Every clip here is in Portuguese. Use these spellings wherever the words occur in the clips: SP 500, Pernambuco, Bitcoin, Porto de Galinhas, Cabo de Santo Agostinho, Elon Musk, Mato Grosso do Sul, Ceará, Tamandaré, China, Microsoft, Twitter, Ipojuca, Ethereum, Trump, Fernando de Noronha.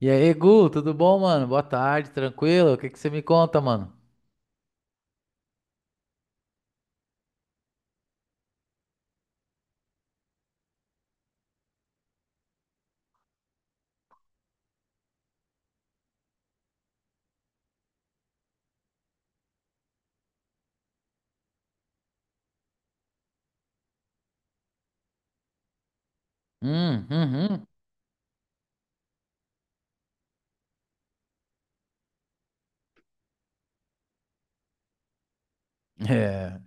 E aí, Gu, tudo bom, mano? Boa tarde, tranquilo? O que que você me conta, mano? Hum, uhum. É.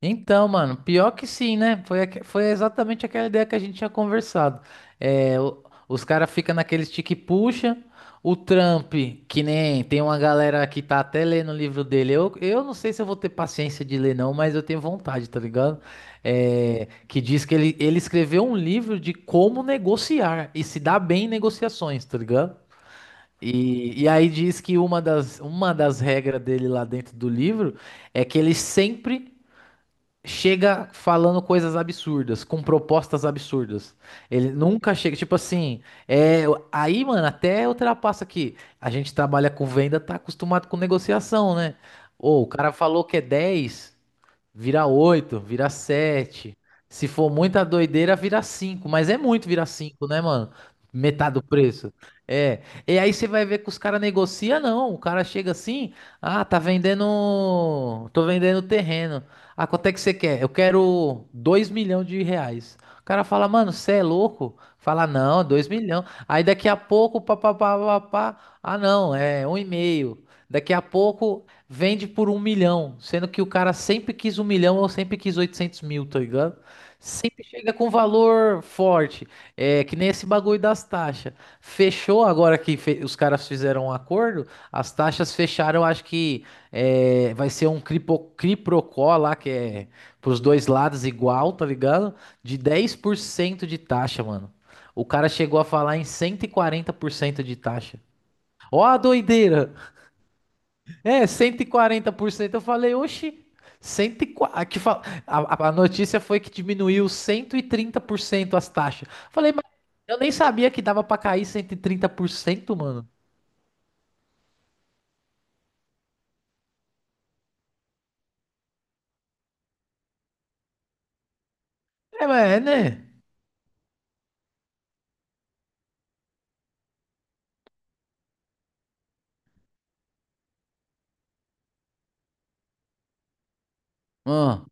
Então, mano, pior que sim, né? Foi exatamente aquela ideia que a gente tinha conversado. É, o- os caras ficam naquele stick puxa, o Trump, que nem tem uma galera que tá até lendo o livro dele. Eu não sei se eu vou ter paciência de ler, não, mas eu tenho vontade, tá ligado? É, que diz que ele escreveu um livro de como negociar e se dar bem em negociações, tá ligado? E aí diz que uma das regras dele lá dentro do livro é que ele sempre chega falando coisas absurdas, com propostas absurdas. Ele nunca chega, tipo assim, é, aí, mano, até ultrapassa aqui. A gente trabalha com venda, tá acostumado com negociação, né? Ou o cara falou que é 10. Vira 8, vira sete. Se for muita doideira, vira cinco. Mas é muito virar 5, né, mano? Metade do preço. É. E aí você vai ver que os caras negociam, não. O cara chega assim, ah, tá vendendo. Tô vendendo terreno. Ah, quanto é que você quer? Eu quero R$ 2.000.000. O cara fala, mano, você é louco? Fala, não, 2.000.000. Aí daqui a pouco, pá, pá, pá, pá, pá. Ah, não, é um e meio. Daqui a pouco, vende por 1.000.000, sendo que o cara sempre quis 1.000.000 ou sempre quis 800.000, tá ligado? Sempre chega com valor forte, é que nem esse bagulho das taxas. Fechou agora que fe- Os caras fizeram um acordo, as taxas fecharam, acho que vai ser um criprocó lá, que é pros dois lados igual, tá ligado? De 10% de taxa, mano. O cara chegou a falar em 140% de taxa. Ó a doideira! É, 140%. Eu falei, oxi, 140, que fa- a notícia foi que diminuiu 130% as taxas. Falei, mas eu nem sabia que dava pra cair 130%, mano. É, mas é, né? Ah,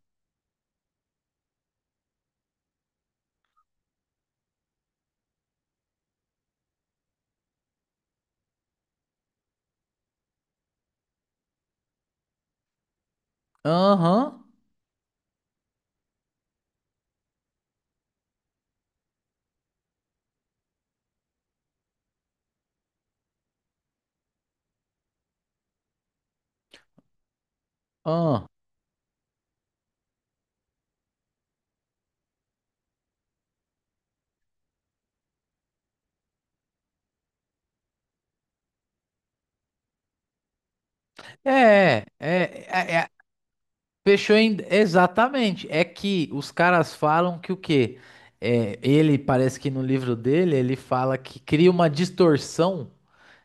aham, ah. É, é, é, é, fechou em... Exatamente. É que os caras falam que o quê? É, ele, parece que no livro dele, ele fala que cria uma distorção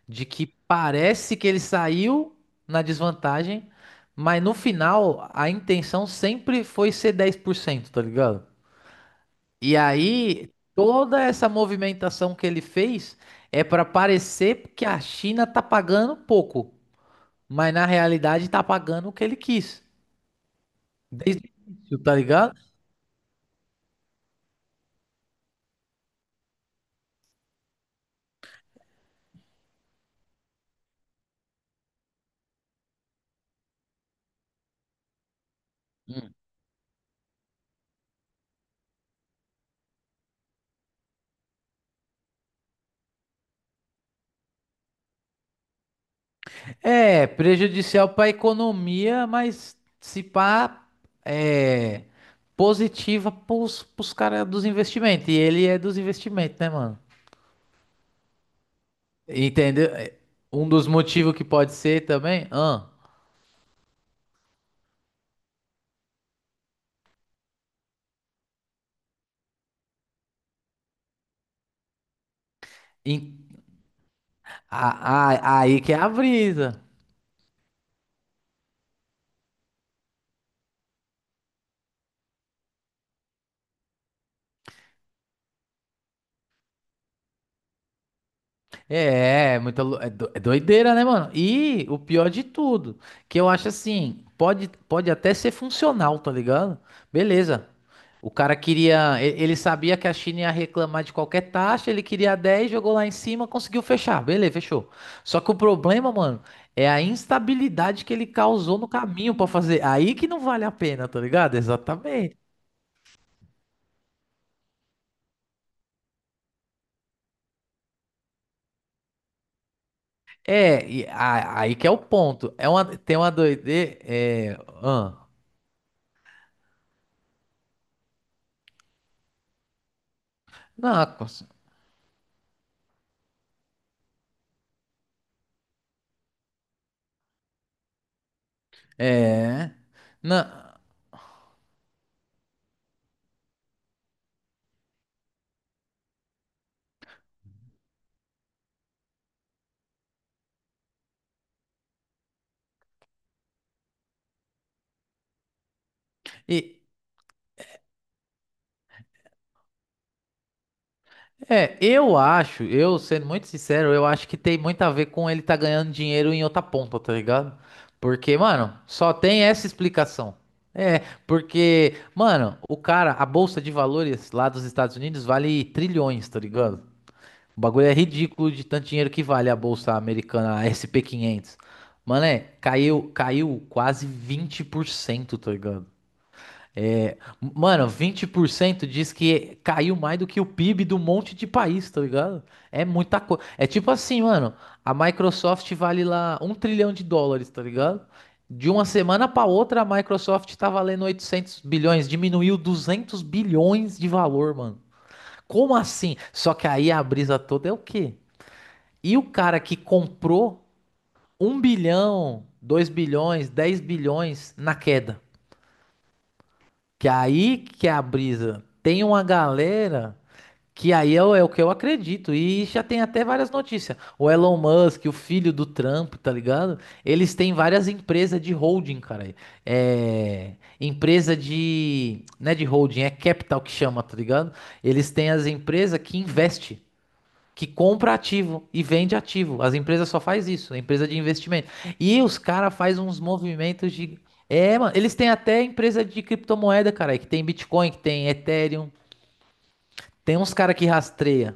de que parece que ele saiu na desvantagem, mas no final a intenção sempre foi ser 10%, tá ligado? E aí toda essa movimentação que ele fez é para parecer que a China tá pagando pouco, mas na realidade tá pagando o que ele quis. Desde o início, tá ligado? É prejudicial para a economia, mas se pá, é positiva pros, pros caras dos investimentos. E ele é dos investimentos, né, mano? Entendeu? É, um dos motivos que pode ser também. Ah, em- aí que é a brisa. É, é muita, lou- é do- é doideira, né, mano? E o pior de tudo, que eu acho assim, pode até ser funcional, tá ligado? Beleza. O cara queria, ele sabia que a China ia reclamar de qualquer taxa, ele queria 10, jogou lá em cima, conseguiu fechar. Beleza, fechou. Só que o problema, mano, é a instabilidade que ele causou no caminho pra fazer. Aí que não vale a pena, tá ligado? Exatamente. É, aí que é o ponto. É uma, tem uma doideira. É. Não, é. Na... E, eu sendo muito sincero, eu acho que tem muito a ver com ele tá ganhando dinheiro em outra ponta, tá ligado? Porque, mano, só tem essa explicação. É, porque, mano, o cara, a bolsa de valores lá dos Estados Unidos vale trilhões, tá ligado? O bagulho é ridículo de tanto dinheiro que vale a bolsa americana, a SP 500. Mano, é, caiu quase 20%, tá ligado? É, mano, 20% diz que caiu mais do que o PIB do monte de país, tá ligado? É muita coisa. É tipo assim, mano, a Microsoft vale lá US$ 1.000.000.000.000, tá ligado? De uma semana pra outra, a Microsoft tá valendo 800.000.000.000, diminuiu 200.000.000.000 de valor, mano. Como assim? Só que aí a brisa toda é o quê? E o cara que comprou 1.000.000.000, 2.000.000.000, 10.000.000.000 na queda? Que aí que é a brisa. Tem uma galera que aí é o que eu acredito. E já tem até várias notícias. O Elon Musk, o filho do Trump, tá ligado? Eles têm várias empresas de holding, cara. É. Empresa de. Não é de holding, é capital que chama, tá ligado? Eles têm as empresas que investem que compra ativo e vende ativo. As empresas só faz isso, a empresa de investimento. E os caras faz uns movimentos de É, mano, eles têm até empresa de criptomoeda, cara, que tem Bitcoin, que tem Ethereum, tem uns cara que rastreia.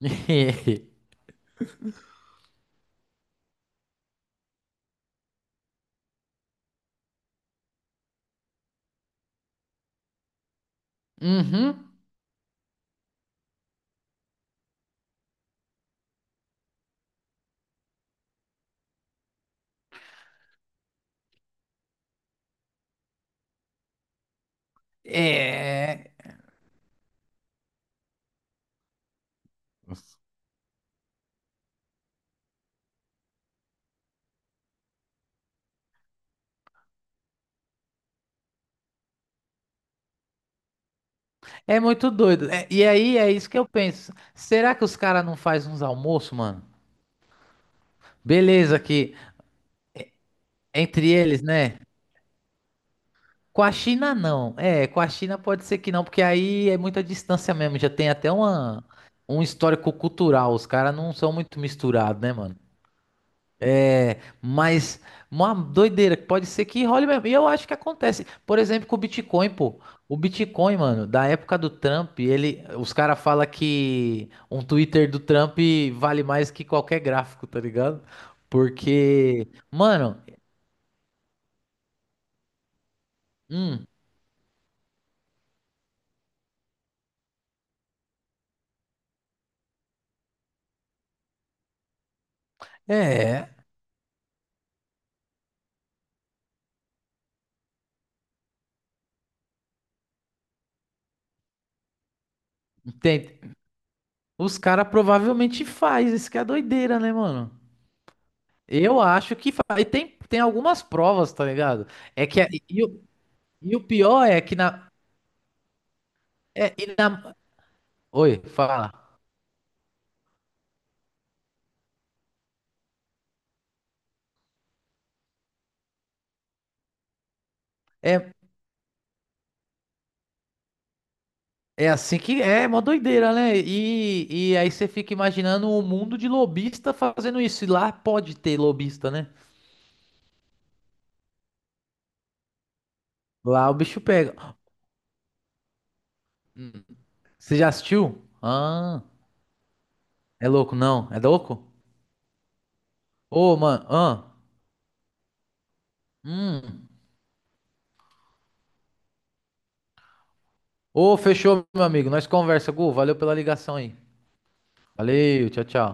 Uhum. É, é muito doido. É, e aí é isso que eu penso. Será que os caras não faz uns almoços, mano? Beleza que entre eles, né? Com a China, não. É, com a China pode ser que não, porque aí é muita distância mesmo. Já tem até uma, um histórico cultural. Os caras não são muito misturados, né, mano? Mas uma doideira, que pode ser que role mesmo. E eu acho que acontece. Por exemplo, com o Bitcoin, pô. O Bitcoin, mano, da época do Trump, ele, os caras falam que um Twitter do Trump vale mais que qualquer gráfico, tá ligado? Porque, mano, hum, é. Tem, os caras provavelmente faz, isso que é doideira, né, mano? Eu acho que faz. E tem algumas provas, tá ligado? É que, e o pior é que na, é, e na- Oi, fala. É, é assim que é, uma doideira, né? E aí você fica imaginando o mundo de lobista fazendo isso. E lá pode ter lobista, né? Lá o bicho pega. Hum, Você já assistiu? Ah, é louco, não. É louco? Ô, mano, ah. Hum. Ô, fechou, meu amigo. Nós conversa, Gu. Valeu pela ligação aí. Valeu, tchau, tchau.